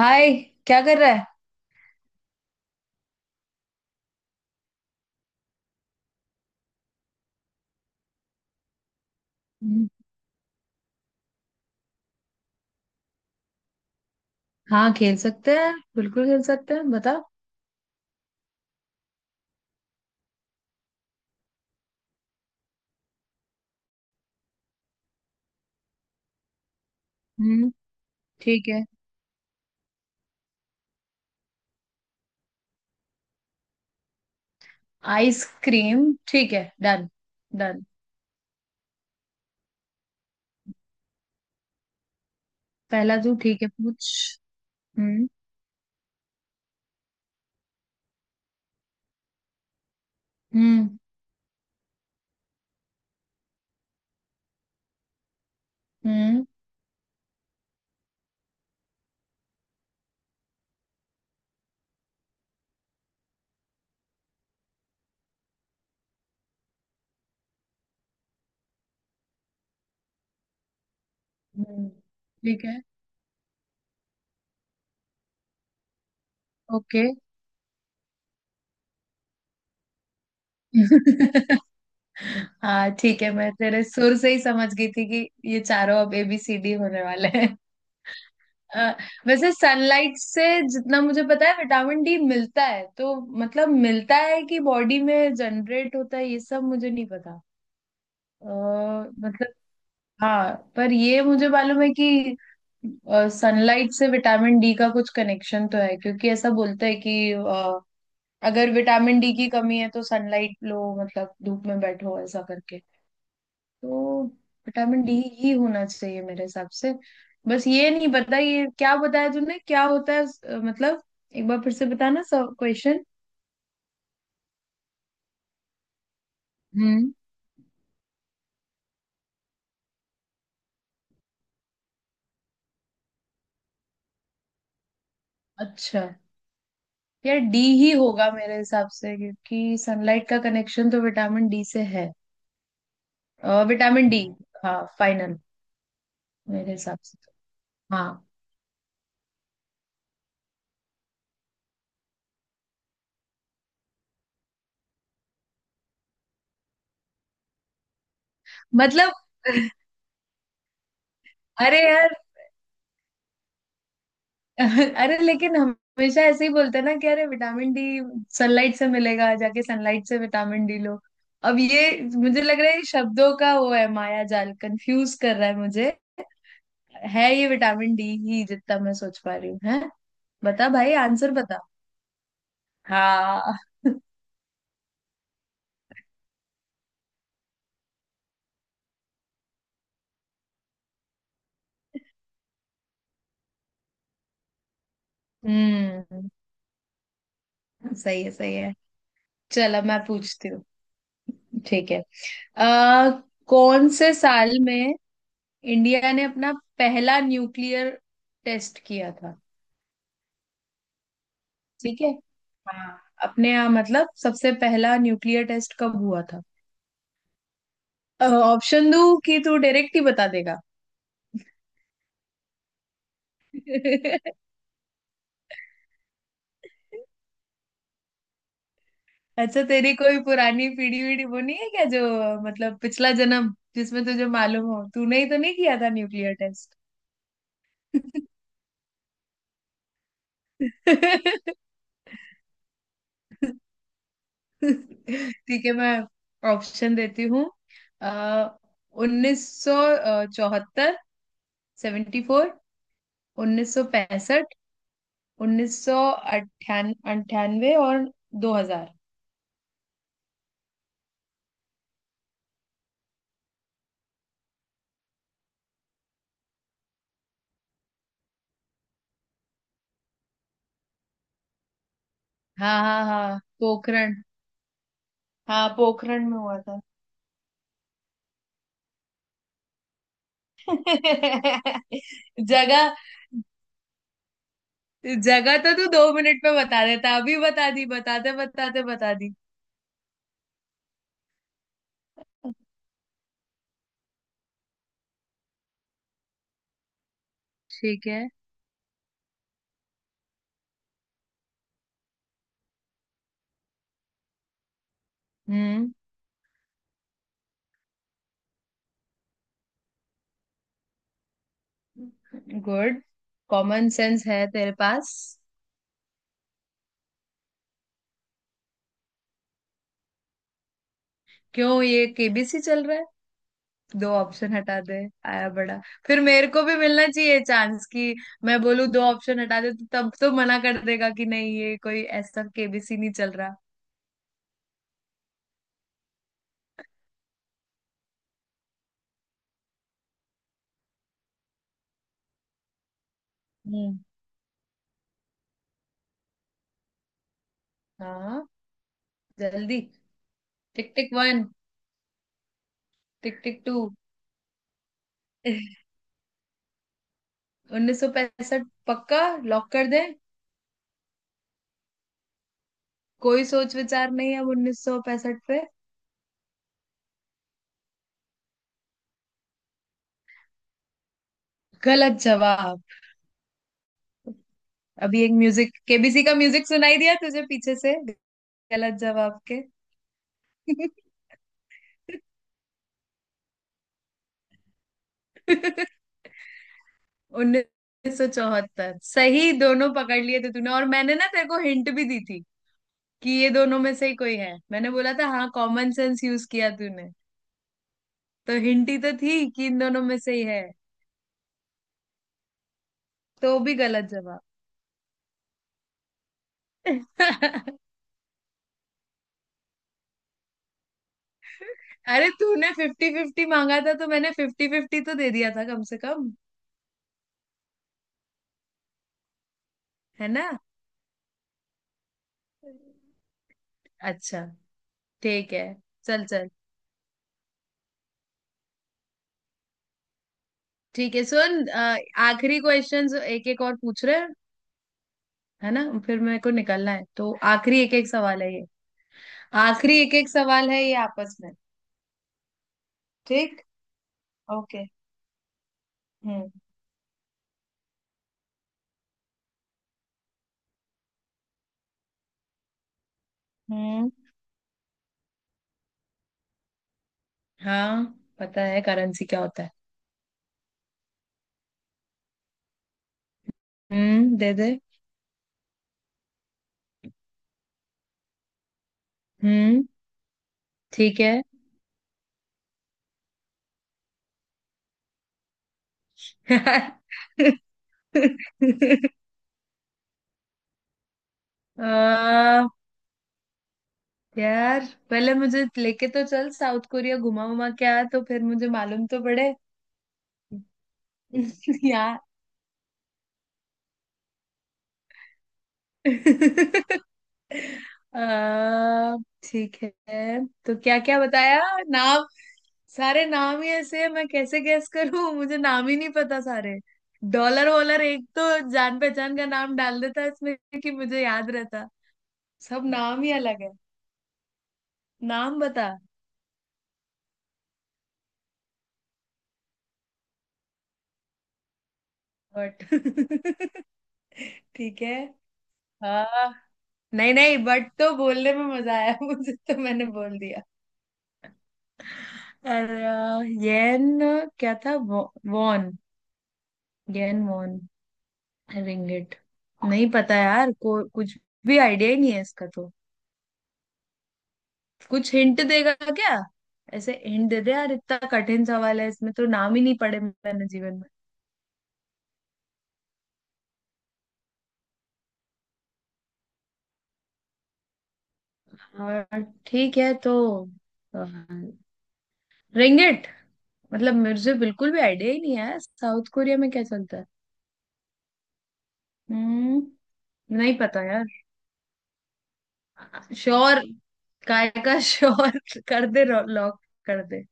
हाय। क्या कर रहा है। हम्म। हाँ, खेल सकते हैं, बिल्कुल खेल सकते हैं, बता। हम्म। ठीक है। आइसक्रीम ठीक है। डन। डन। पहला तू, ठीक है, पूछ। हम्म। हम्म। हम्म। हम्म। ठीक है। ओके। हाँ, ठीक है, मैं तेरे सुर से ही समझ गई थी कि ये चारों अब ABCD होने वाले। अ, वैसे सनलाइट से जितना मुझे पता है विटामिन डी मिलता है तो। मतलब, मिलता है कि बॉडी में जनरेट होता है, ये सब मुझे नहीं पता। मतलब, हाँ, पर ये मुझे मालूम है कि सनलाइट से विटामिन डी का कुछ कनेक्शन तो है, क्योंकि ऐसा बोलते हैं कि अगर विटामिन डी की कमी है तो सनलाइट लो, मतलब धूप में बैठो ऐसा करके। तो विटामिन डी ही होना चाहिए मेरे हिसाब से। बस ये नहीं पता, ये क्या बताया तुमने, क्या होता है, मतलब एक बार फिर से बताना सब क्वेश्चन। हम्म। अच्छा। यार, डी ही होगा मेरे हिसाब से, क्योंकि सनलाइट का कनेक्शन तो विटामिन डी से है। Vitamin D. हाँ, फाइनल। मेरे हिसाब से तो, हाँ। मतलब। अरे यार। अरे, लेकिन हमेशा ऐसे ही बोलते हैं ना कि अरे, विटामिन डी सनलाइट से मिलेगा, जाके सनलाइट से विटामिन डी लो। अब ये मुझे लग रहा है, ये शब्दों का वो है, माया जाल, कंफ्यूज कर रहा है मुझे। है, ये विटामिन डी ही जितना मैं सोच पा रही हूँ, है। बता भाई, आंसर बता। हाँ। हम्म। सही है, सही है। चलो, मैं पूछती हूँ। ठीक है। आ, कौन से साल में इंडिया ने अपना पहला न्यूक्लियर टेस्ट किया था। ठीक है। हाँ। अपने यहाँ, मतलब सबसे पहला न्यूक्लियर टेस्ट कब हुआ था। ऑप्शन दूं कि तू डायरेक्ट ही बता देगा। अच्छा, तेरी कोई पुरानी पीढ़ी वीढ़ी वो नहीं है क्या, जो मतलब पिछला जन्म जिसमें तुझे मालूम हो, तूने ही तो नहीं किया था न्यूक्लियर टेस्ट। ठीक है, मैं ऑप्शन देती हूँ। 1974, 74, 1965, 1998 और 2000। हाँ, हाँ, हाँ, पोखरण। हाँ, पोखरण में हुआ था। जगह। जगह तो तू 2 मिनट में बता देता, अभी बता दी बताते बताते, बता दी। ठीक है। हम्म। गुड। कॉमन सेंस है तेरे पास। क्यों, ये केबीसी चल रहा, दो ऑप्शन हटा दे? आया बड़ा। फिर मेरे को भी मिलना चाहिए चांस, कि मैं बोलूं दो ऑप्शन हटा दे, तो तब तो मना कर देगा कि नहीं, ये कोई ऐसा केबीसी नहीं चल रहा। हम्म। हाँ, जल्दी। Tick tick one. Tick tick to. 1965 पक्का, लॉक कर दे। कोई सोच विचार नहीं है अब 1965 पे। गलत जवाब। अभी एक म्यूजिक, केबीसी का म्यूजिक सुनाई दिया तुझे पीछे से? गलत जवाब के। 1974 सही। दोनों पकड़ लिए थे तूने, और मैंने ना तेरे को हिंट भी दी थी कि ये दोनों में से ही कोई है, मैंने बोला था। हाँ, कॉमन सेंस यूज किया तूने। तो हिंट ही तो थी कि इन दोनों में से ही है, तो भी गलत जवाब। अरे, तूने फिफ्टी फिफ्टी मांगा था, तो मैंने फिफ्टी फिफ्टी तो दे दिया था कम से कम। है ना। अच्छा, ठीक है। चल चल। ठीक है, सुन, आखिरी क्वेश्चंस एक एक और पूछ रहे है ना, फिर मेरे को निकलना है, तो आखिरी एक एक सवाल है ये। आखिरी एक एक सवाल है ये आपस में। ठीक। ओके। हम्म। हम्म। हाँ। पता है करेंसी क्या होता है। हम्म, दे दे। हम्म। ठीक है। आ, यार, पहले मुझे लेके तो चल, साउथ कोरिया घुमा उमा क्या, तो फिर मुझे मालूम तो पड़े। यार। अ, ठीक है, तो क्या क्या बताया नाम। सारे नाम ही ऐसे हैं, मैं कैसे गैस करूं। मुझे नाम ही नहीं पता सारे। डॉलर वॉलर एक तो जान पहचान का नाम डाल देता है इसमें, कि मुझे याद रहता। सब नाम ही अलग है। नाम बता। बट। ठीक है। हाँ, नहीं नहीं, बट तो बोलने में मजा आया, मुझे तो मैंने बोल दिया। और येन क्या था, वॉन, गेन वॉन, रिंगेट, नहीं पता यार, को कुछ भी आइडिया ही नहीं है इसका तो। कुछ हिंट देगा क्या? ऐसे हिंट दे दे यार, इतना कठिन सवाल है, इसमें तो नाम ही नहीं पढ़े मैंने जीवन में। और ठीक है, तो अ, रिंगिट, मतलब मुझे बिल्कुल भी आइडिया ही नहीं है साउथ कोरिया में क्या चलता है। हम्म। नहीं पता यार। श्योर? काय का श्योर, कर दे लॉक, कर दे।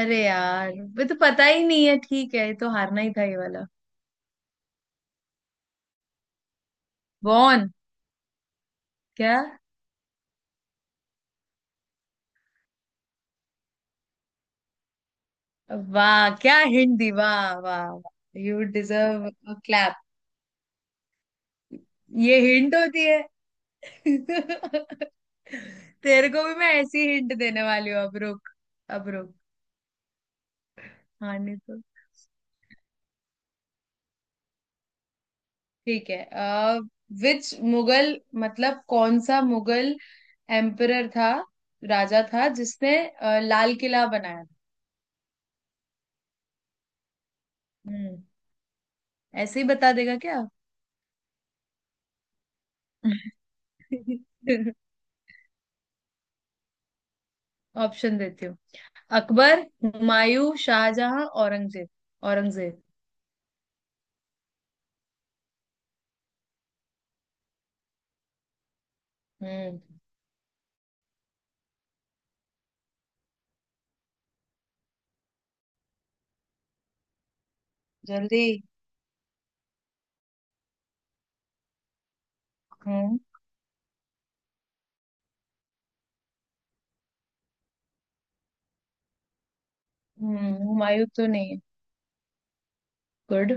अरे यार, ये तो पता ही नहीं है, ठीक है, ये तो हारना ही था ये वाला। वॉन? क्या? वाह, क्या हिंट दी, वाह वाह वाह, यू डिजर्व अ क्लैप। ये हिंट होती है? तेरे को भी मैं ऐसी हिंट देने वाली हूँ, अब रुक। अब रुक। हाँ, नहीं तो ठीक है। विच मुगल, मतलब कौन सा मुगल एम्परर था, राजा था जिसने लाल किला बनाया था। हम्म। ऐसे ही बता देगा क्या? ऑप्शन देती हूँ। अकबर, हुमायूं, शाहजहां, औरंगजेब, औरंगजेब। हम्म। जल्दी। हम्म। हुमायूं तो नहीं है। गुड।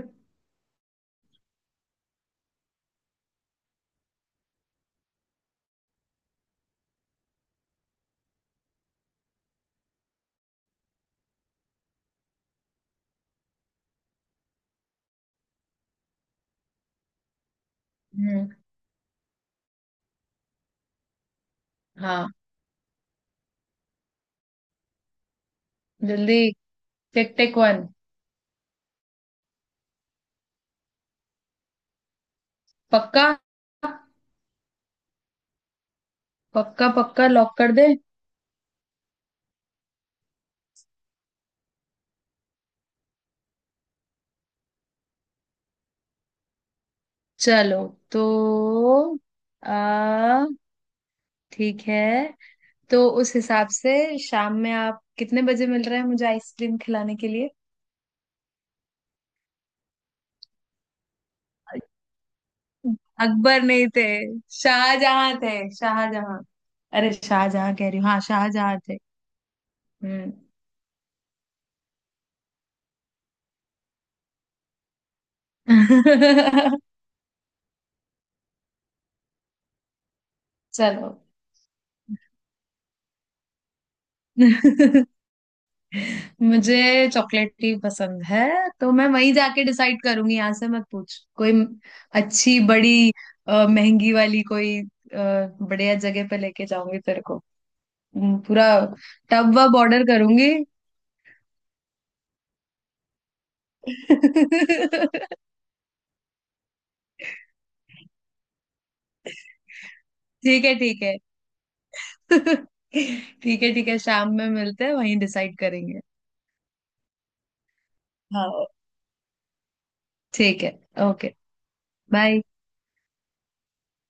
हम्म। हाँ, जल्दी। Tick tick one. पक्का? पक्का। पक्का, लॉक कर दे। चलो, तो। आ ठीक है, तो उस हिसाब से शाम में आप कितने बजे मिल रहे हैं मुझे आइसक्रीम खिलाने के लिए? अकबर नहीं थे, शाहजहां थे, शाहजहां। अरे, शाहजहां कह रही हूँ, हाँ, शाहजहां थे। हम्म। चलो। मुझे चॉकलेट ही पसंद है। तो मैं वहीं जाके डिसाइड करूंगी, यहाँ से मत पूछ कोई। अच्छी, बड़ी, महंगी वाली, कोई बढ़िया जगह पे लेके जाऊंगी तेरे को। हम्म। पूरा टब वब ऑर्डर करूंगी। ठीक है, ठीक है, ठीक है, ठीक है, शाम में मिलते हैं, वहीं डिसाइड करेंगे। हाँ, ठीक है, ओके। बाय।